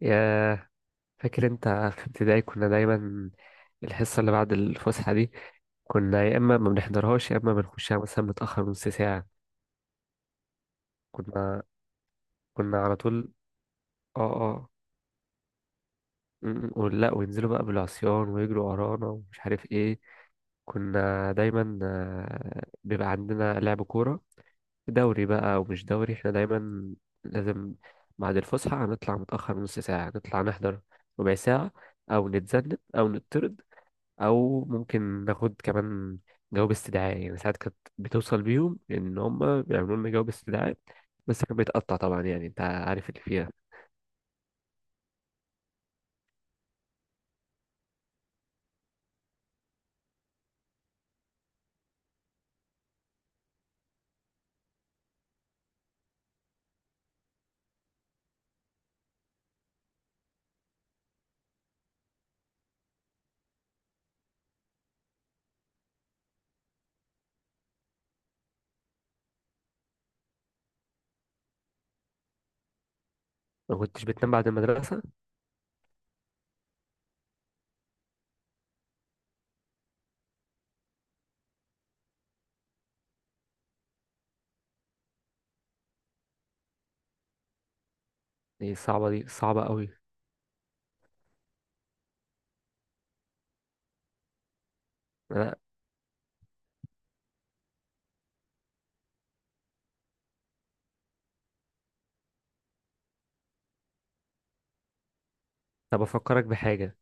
يا فاكر انت في ابتدائي كنا دايما الحصة اللي بعد الفسحة دي كنا يا اما ما بنحضرهاش يا اما بنخشها مثلا متأخر نص ساعة. كنا كنا على طول. اه اه ولا وينزلوا بقى بالعصيان ويجروا ورانا ومش عارف ايه. كنا دايما بيبقى عندنا لعب كورة، دوري بقى ومش دوري. احنا دايما لازم بعد الفسحة هنطلع متأخر نص ساعة، نطلع نحضر ربع ساعة، أو نتذنب أو نطرد، او ممكن ناخد كمان جواب استدعاء. يعني ساعات كانت بتوصل بيهم ان هم بيعملوا لنا جواب استدعاء، بس كان بيتقطع طبعا، يعني انت عارف اللي فيها. ما كنتش بتنام بعد المدرسة؟ دي صعبة، دي صعبة قوي. انا طب افكرك بحاجة.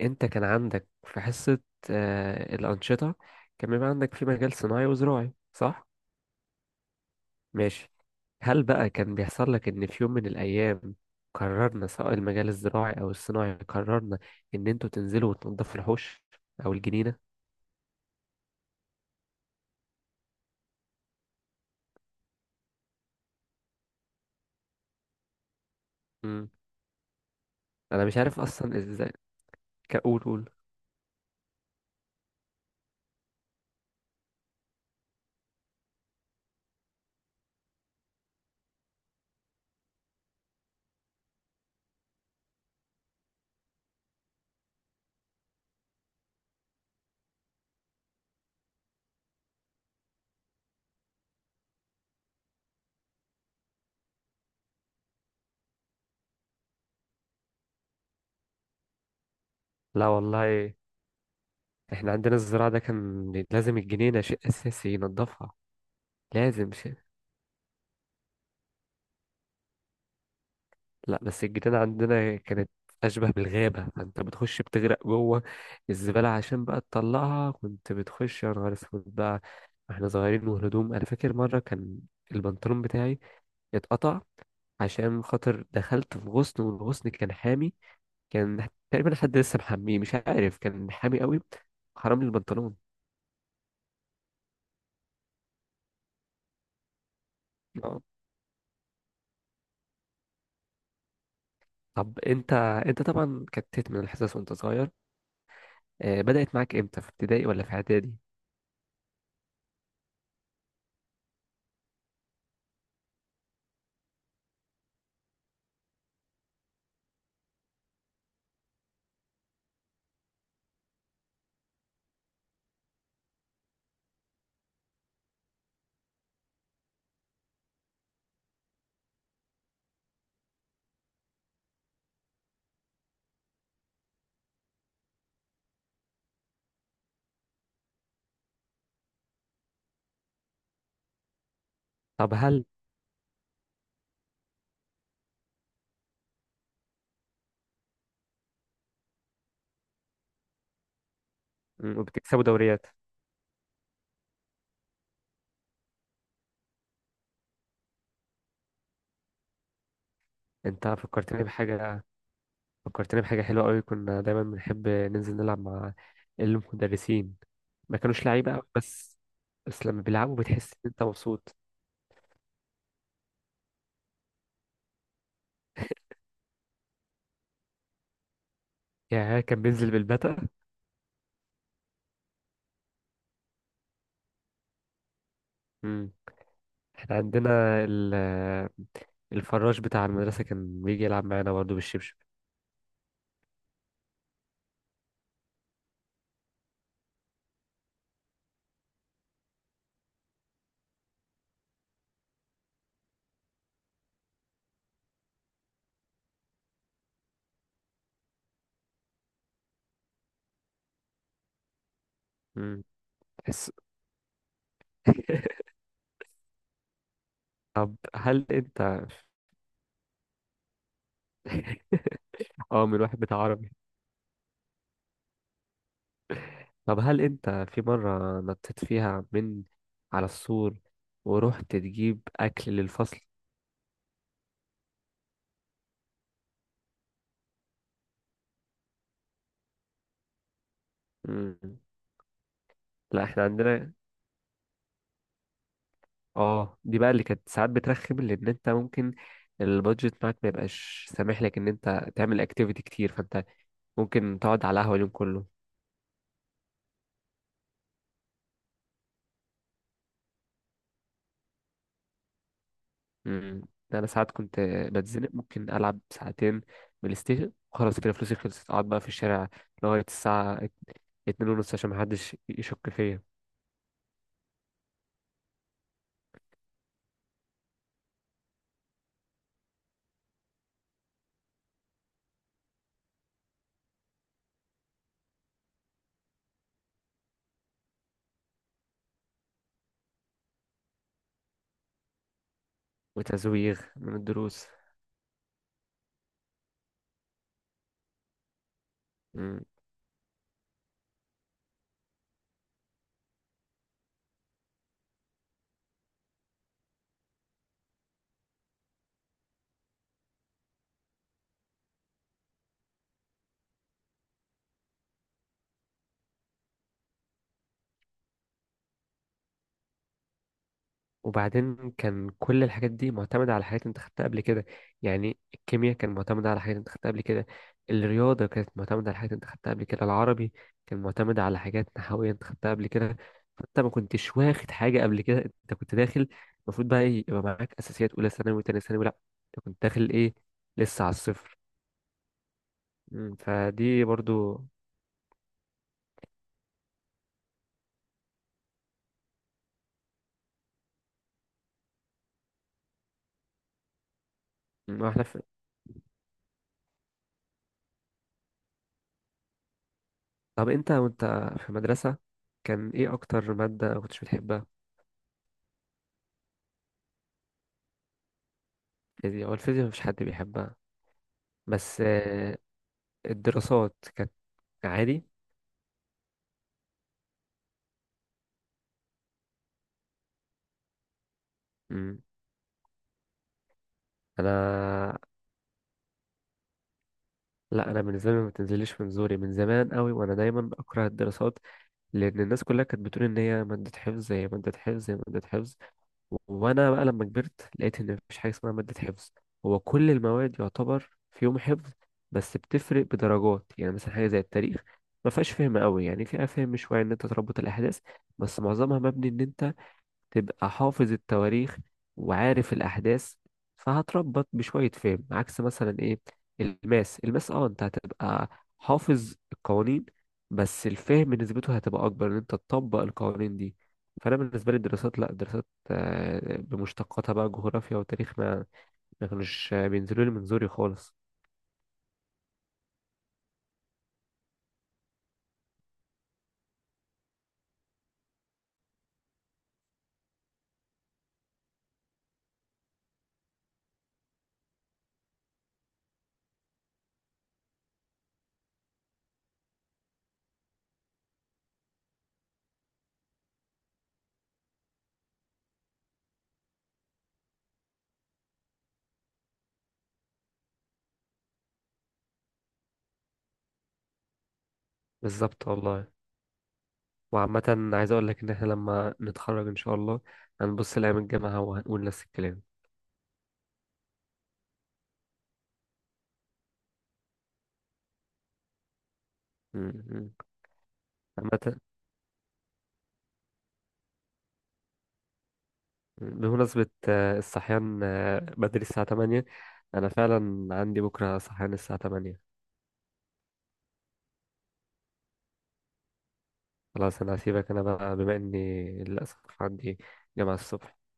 انت كان عندك في حصة، آه الأنشطة، كان بيبقى عندك في مجال صناعي وزراعي صح؟ ماشي. هل بقى كان بيحصل لك إن في يوم من الأيام قررنا سواء المجال الزراعي أو الصناعي، قررنا إن أنتوا تنزلوا وتنضفوا الحوش أو الجنينة؟ مم. أنا مش عارف أصلا إزاي كقول قول. لا والله، إحنا عندنا الزراعة ده كان لازم الجنينة شيء أساسي ينضفها. لازم شيء. لا بس الجنينة عندنا كانت أشبه بالغابة، فأنت بتخش بتغرق جوه الزبالة. عشان بقى تطلعها كنت بتخش يا نهار أسود بقى، واحنا صغيرين والهدوم. أنا فاكر مرة كان البنطلون بتاعي اتقطع عشان خاطر دخلت في غصن، والغصن كان حامي، كان تقريبا حد لسه محميه مش عارف، كان حامي قوي، حرام لي البنطلون. آه. طب انت، انت طبعا كتت من الحصص وانت صغير، بدأت معاك امتى، في ابتدائي ولا في اعدادي؟ طب هل، مم، وبتكسبوا دوريات. انت فكرتني بحاجة، فكرتني بحاجة حلوة قوي. كنا دايما بنحب ننزل نلعب مع المدرسين. ما كانوش لعيبة قوي، بس لما بيلعبوا بتحس ان انت مبسوط. يعني كان بينزل بالبتة. امم احنا عندنا ال... الفراش بتاع المدرسة كان بيجي يلعب معانا برضه بالشبشب. امم تحس. طب هل انت، اه من واحد بتاع عربي. طب هل انت في مرة نطيت فيها من على السور ورحت تجيب اكل للفصل؟ مم. لا احنا عندنا، اه دي بقى اللي كانت ساعات بترخم. لان انت ممكن البادجت بتاعك ما يبقاش سامح لك ان انت تعمل اكتيفيتي كتير، فانت ممكن تقعد على قهوه اليوم كله. امم انا ساعات كنت بتزنق، ممكن العب ساعتين بلاي ستيشن خلاص كده، فلوسي خلصت اقعد بقى في الشارع لغايه الساعه اتنين ونص عشان محدش يشك فيا. وتزويغ من الدروس. وبعدين كان كل الحاجات دي معتمدة على حاجات انت خدتها قبل كده. يعني الكيمياء كان معتمدة على حاجات انت خدتها قبل كده، الرياضة كانت معتمدة على حاجات انت خدتها قبل كده، العربي كان معتمد على حاجات نحوية انت خدتها قبل كده. فانت ما كنتش واخد حاجة قبل كده، انت كنت داخل، المفروض بقى ايه يبقى معاك اساسيات اولى ثانوي وتانية ثانوي، لا انت كنت داخل ايه، لسه على الصفر. مم، فدي برضو. مم، واحنا في... طب انت وانت في المدرسة كان ايه اكتر مادة ما كنتش بتحبها؟ الفيزياء، هو الفيزياء مفيش حد بيحبها. بس الدراسات كانت عادي. مم. انا لا انا بالنسبه لي ما بتنزليش من زوري من زمان قوي، وانا دايما بكره الدراسات. لان الناس كلها كانت بتقول ان هي ماده حفظ، هي ماده حفظ، هي ماده حفظ. وانا بقى لما كبرت لقيت ان مفيش حاجه اسمها ماده حفظ، هو كل المواد يعتبر فيهم حفظ. بس بتفرق بدرجات. يعني مثلا حاجه زي التاريخ، ما فيهاش فهم قوي، يعني فيها فهم شويه ان انت تربط الاحداث، بس معظمها مبني ان انت تبقى حافظ التواريخ وعارف الأحداث، فهتربط بشوية فهم. عكس مثلا إيه، الماس، الماس اه انت هتبقى حافظ القوانين، بس الفهم نسبته هتبقى أكبر إن أنت تطبق القوانين دي. فأنا بالنسبة لي الدراسات لأ، الدراسات بمشتقاتها بقى جغرافيا وتاريخ، ما كانوش بينزلوا لي من زوري خالص. بالظبط والله. وعامة عايز أقول لك إن إحنا لما نتخرج إن شاء الله هنبص لأيام الجامعة وهنقول نفس الكلام. م- م. عامة بمناسبة الصحيان بدري الساعة 8، أنا فعلا عندي بكرة صحيان الساعة 8. خلاص أنا هسيبك، أنا بقى بما إني للأسف عندي جامعة الصبح.